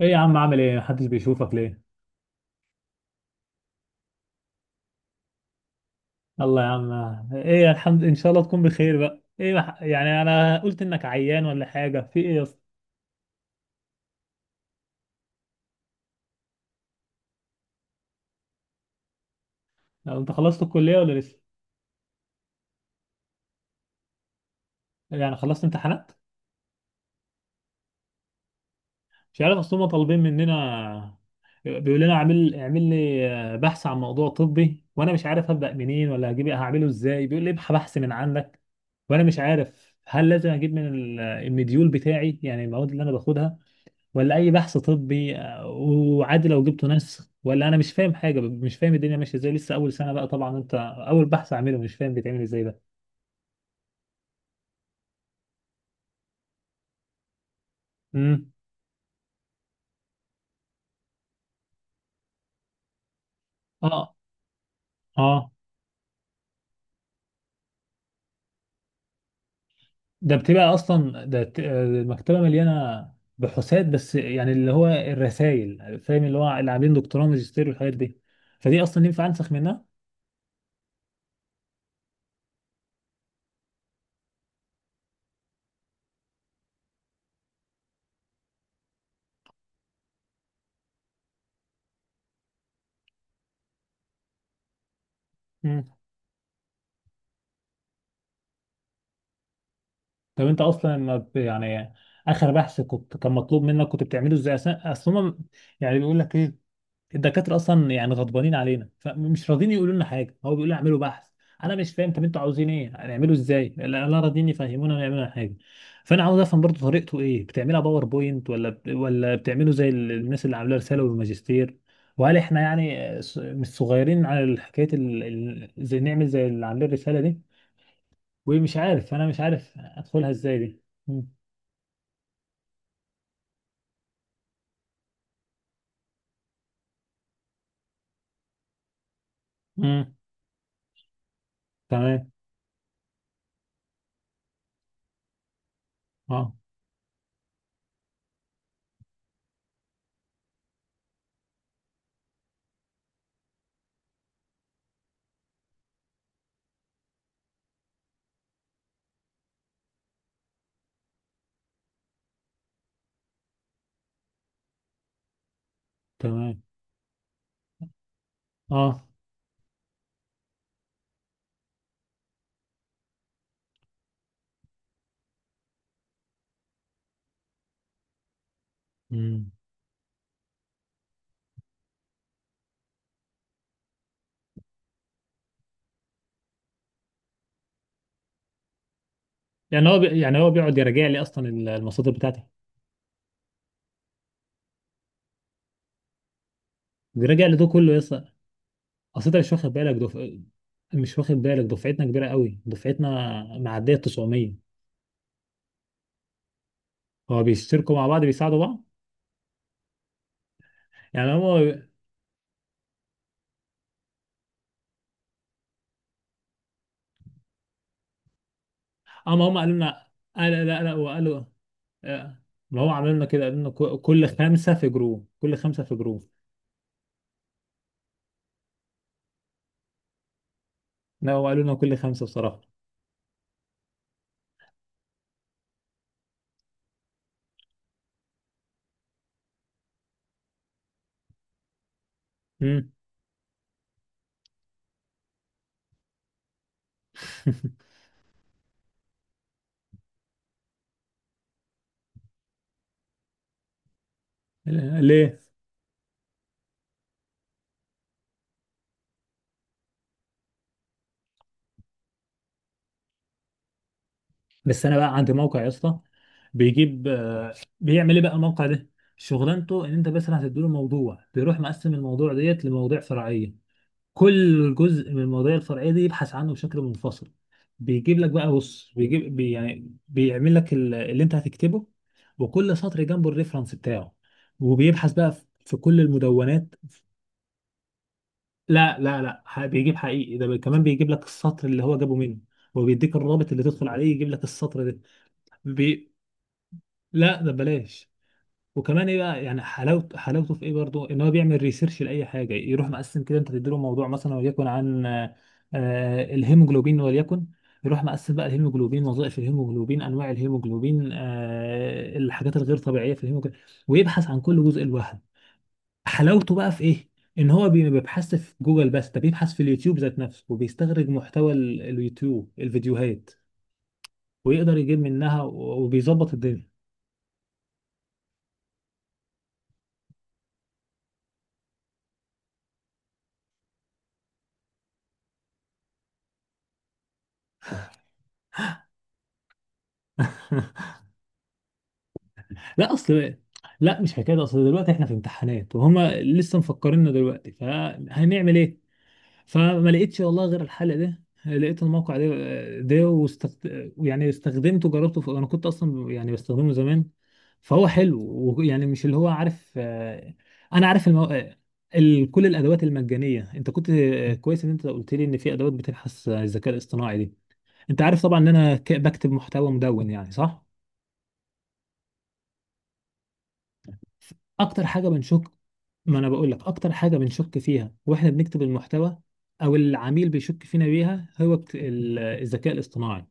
ايه يا عم، عامل ايه؟ محدش بيشوفك ليه؟ الله يا عم. ايه الحمد، ان شاء الله تكون بخير بقى. ايه يعني انا قلت انك عيان ولا حاجه، في ايه يا اسطى؟ لو انت خلصت الكليه ولا لسه؟ يعني خلصت امتحانات؟ مش عارف، اصل هم طالبين مننا، بيقول لنا اعمل اعمل لي بحث عن موضوع طبي، وانا مش عارف ابدا منين، ولا هجيب هعمله ازاي. بيقول لي ابحث بحث من عندك. وانا مش عارف هل لازم اجيب من المديول بتاعي يعني المواد اللي انا باخدها، ولا اي بحث طبي. وعادي لو جبته نسخ؟ ولا انا مش فاهم حاجه، مش فاهم الدنيا ماشيه ازاي، لسه اول سنه بقى طبعا انت، اول بحث اعمله مش فاهم بيتعمل ازاي ده. امم. اه. اه. ده بتبقى اصلا ده المكتبه مليانه بحوثات، بس يعني اللي هو الرسائل، فاهم، اللي هو اللي عاملين دكتوراه ماجستير والحاجات دي، فدي اصلا ينفع انسخ منها؟ امم. طب انت اصلا ما ب- يعني اخر بحث كنت كان مطلوب منك كنت بتعمله ازاي؟ اصلا هم يعني بيقول لك ايه؟ الدكاتره اصلا يعني غضبانين علينا، فمش راضين يقولوا لنا حاجه، هو بيقول لي اعملوا بحث. انا مش فاهم، طب انتوا عاوزين ايه، هنعمله ازاي؟ لا لا راضيين يفهمونا نعمل حاجه. فانا عاوز افهم برضو طريقته ايه، بتعملها باوربوينت ولا ولا بتعمله زي الناس اللي عامله رساله والماجستير؟ وهل احنا يعني مش صغيرين على حكايه زي نعمل زي اللي عاملين الرساله دي؟ ومش عارف، انا مش عارف ادخلها ازاي دي. مم. مم. تمام. اه. تمام. اه. مم. يعني هو بيقعد يراجع لي اصلا المصادر بتاعتي؟ بيراجع لي ده كله؟ يس. اصل انت مش واخد بالك مش واخد بالك دفعتنا كبيره قوي، دفعتنا معديه 900. هو بيشتركوا مع بعض بيساعدوا بعض. يعني هم، اما هم قالوا لنا، آه لا لا لا، وقالوا، آه، ما هو عملوا لنا كده، قالوا لنا كل خمسه في جروب، كل خمسه في جروب. لا هو قالوا لنا كل خمسه بصراحه. مم. ليه؟ بس انا بقى عندي موقع يا اسطى بيجيب. بيعمل ايه بقى الموقع ده؟ شغلانته ان انت مثلا هتديله موضوع، بيروح مقسم الموضوع ديت لمواضيع فرعيه، كل جزء من المواضيع الفرعيه دي يبحث عنه بشكل منفصل. بيجيب لك بقى، بص، بيجيب بي يعني بيعمل لك اللي انت هتكتبه، وكل سطر جنبه الريفرنس بتاعه، وبيبحث بقى في في كل المدونات. لا لا لا، بيجيب حقيقي، ده كمان بيجيب لك السطر اللي هو جابه منه، وبيديك الرابط اللي تدخل عليه يجيب لك السطر ده. بي... لا ده بلاش. وكمان ايه بقى يعني، حلاوته حلاوته في ايه برضو، ان هو بيعمل ريسيرش لاي حاجه، يروح مقسم كده، انت تديله موضوع مثلا وليكن عن الهيموجلوبين وليكن، يروح مقسم بقى الهيموجلوبين، وظائف الهيموجلوبين، انواع الهيموجلوبين، الحاجات الغير طبيعيه في الهيموجلوبين، ويبحث عن كل جزء لوحده. حلاوته بقى في ايه؟ ان هو ما بيبحثش في جوجل بس، ده بيبحث في اليوتيوب ذات نفسه، وبيستخرج محتوى اليوتيوب الفيديوهات، ويقدر يجيب منها، وبيظبط الدنيا. لا اصل، لا مش حكايه اصل، دلوقتي احنا في امتحانات وهم لسه مفكريننا دلوقتي، فهنعمل ايه؟ فما لقيتش والله غير الحل ده، لقيت الموقع ده، يعني استخدمته، جربته، انا كنت اصلا يعني بستخدمه زمان، فهو حلو. ويعني مش اللي هو عارف، انا عارف كل الادوات المجانيه. انت كنت كويس ان انت قلت لي ان في ادوات بتبحث عن الذكاء الاصطناعي دي. انت عارف طبعا ان انا بكتب محتوى مدون، يعني صح، اكتر حاجه بنشك. ما انا بقول لك اكتر حاجه بنشك فيها واحنا بنكتب المحتوى، او العميل بيشك فينا بيها، هو الذكاء الاصطناعي.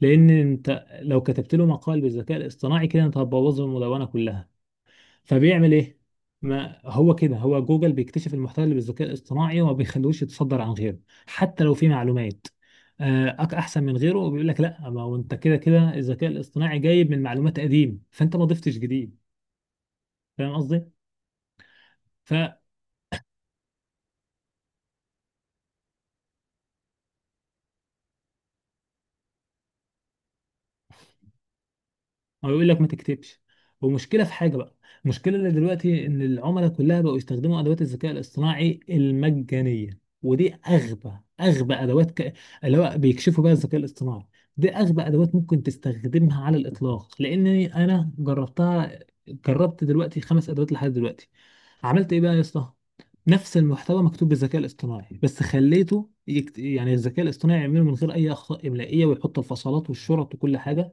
لان انت لو كتبت له مقال بالذكاء الاصطناعي كده انت هتبوظ المدونه كلها. فبيعمل ايه؟ ما هو كده هو، جوجل بيكتشف المحتوى اللي بالذكاء الاصطناعي وما بيخلوش يتصدر عن غيره، حتى لو فيه معلومات احسن من غيره، وبيقول لك لا، ما هو انت كده كده الذكاء الاصطناعي جايب من معلومات قديم، فانت ما ضفتش جديد. فاهم قصدي؟ هو يقول لك ما تكتبش، ومشكله في حاجه بقى. المشكله اللي دلوقتي ان العملاء كلها بقوا يستخدموا ادوات الذكاء الاصطناعي المجانيه، ودي اغبى ادوات اللي هو بيكشفوا بقى الذكاء الاصطناعي. دي اغبى ادوات ممكن تستخدمها على الاطلاق، لان انا جربتها، جربت دلوقتي خمس ادوات لحد دلوقتي. عملت ايه بقى يا اسطى؟ نفس المحتوى مكتوب بالذكاء الاصطناعي، بس خليته يعني الذكاء الاصطناعي يعمله من غير اي اخطاء املائيه، ويحط الفصلات والشرط وكل حاجه،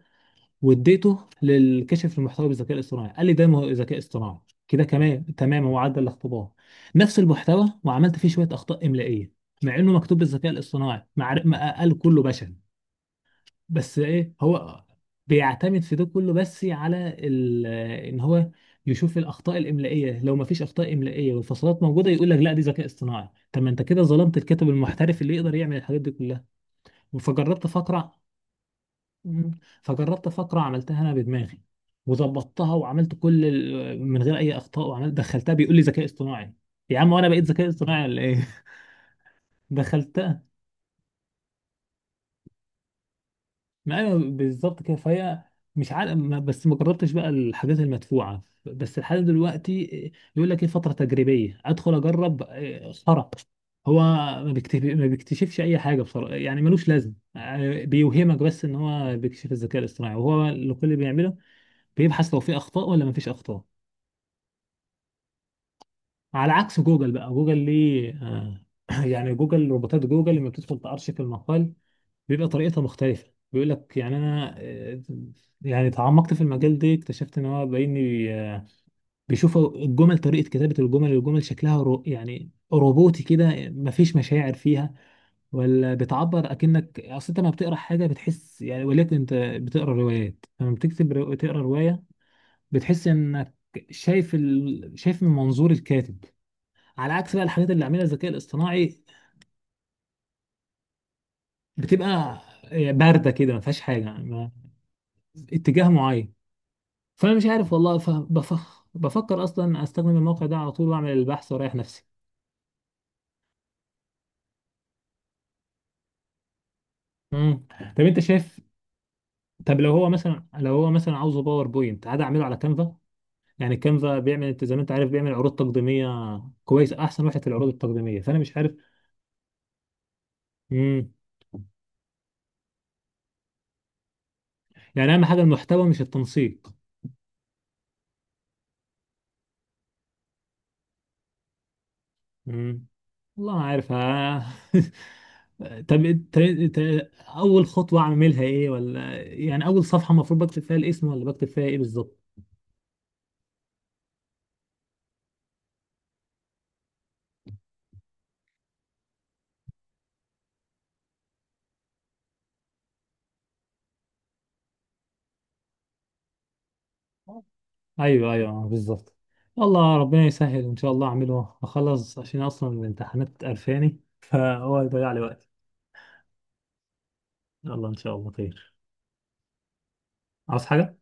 واديته للكشف المحتوى بالذكاء الاصطناعي، قال لي ده ذكاء اصطناعي. كده كمان تمام، هو عدى الاختبار. نفس المحتوى وعملت فيه شويه اخطاء املائيه، مع انه مكتوب بالذكاء الاصطناعي، مع ما قال كله بشر. بس ايه، هو بيعتمد في ده كله بس على ان هو يشوف الاخطاء الاملائيه، لو ما فيش اخطاء املائيه والفصلات موجوده يقول لك لا دي ذكاء اصطناعي. طب ما انت كده ظلمت الكاتب المحترف اللي يقدر يعمل الحاجات دي كلها. فجربت فقرة. مم. فجربت فقرة عملتها أنا بدماغي، وظبطتها، وعملت كل من غير أي أخطاء، وعملت دخلتها بيقول لي ذكاء اصطناعي. يا عم، وأنا بقيت ذكاء اصطناعي ولا إيه؟ دخلتها. ما أيوه بالظبط كده، فهي مش عارف بس ما جربتش بقى الحاجات المدفوعة بس لحد دلوقتي. يقول لك إيه، فترة تجريبية، أدخل أجرب خرا. هو ما بيكتشفش أي حاجة بصراحة يعني، ملوش لازم. بيوهمك بس إن هو بيكشف الذكاء الاصطناعي، وهو اللي كل اللي بيعمله بيبحث لو في أخطاء ولا ما فيش أخطاء. على عكس جوجل بقى، جوجل ليه يعني جوجل، روبوتات جوجل لما بتدخل تأرشف المقال بيبقى طريقتها مختلفة. بيقول لك يعني انا يعني تعمقت في المجال ده، اكتشفت ان هو باين لي، بيشوف الجمل، طريقة كتابة الجمل، الجمل شكلها يعني روبوتي كده، مفيش مشاعر فيها ولا بتعبر، اكنك اصل انت لما بتقرا حاجة بتحس، يعني ولكن انت بتقرا روايات، لما بتكتب تقرا رواية بتحس انك شايف شايف من منظور الكاتب، على عكس بقى الحاجات اللي عاملها الذكاء الاصطناعي، بتبقى بارده كده، ما فيهاش حاجه، ما اتجاه معين. فانا مش عارف والله، بفكر اصلا استخدم الموقع ده على طول، واعمل البحث واريح نفسي. امم. طب انت شايف؟ طب لو هو مثلا عاوزه باوربوينت، عادي اعمله على كانفا. يعني كانفا بيعمل، انت زي ما انت عارف بيعمل عروض تقديميه، كويس، احسن واحد في العروض التقديميه، فانا مش عارف. امم. يعني اهم حاجه المحتوى مش التنسيق؟ مم. والله ما عارف، ها. طب اول خطوه اعملها ايه، ولا يعني اول صفحه المفروض بكتب فيها الاسم ولا بكتب فيها ايه بالظبط؟ ايوه ايوه بالظبط. الله ربنا يسهل، ان شاء الله اعمله اخلص، عشان اصلا الامتحانات قرفاني فهو هيضيع لي وقتي. يلا ان شاء الله خير. عاوز حاجه؟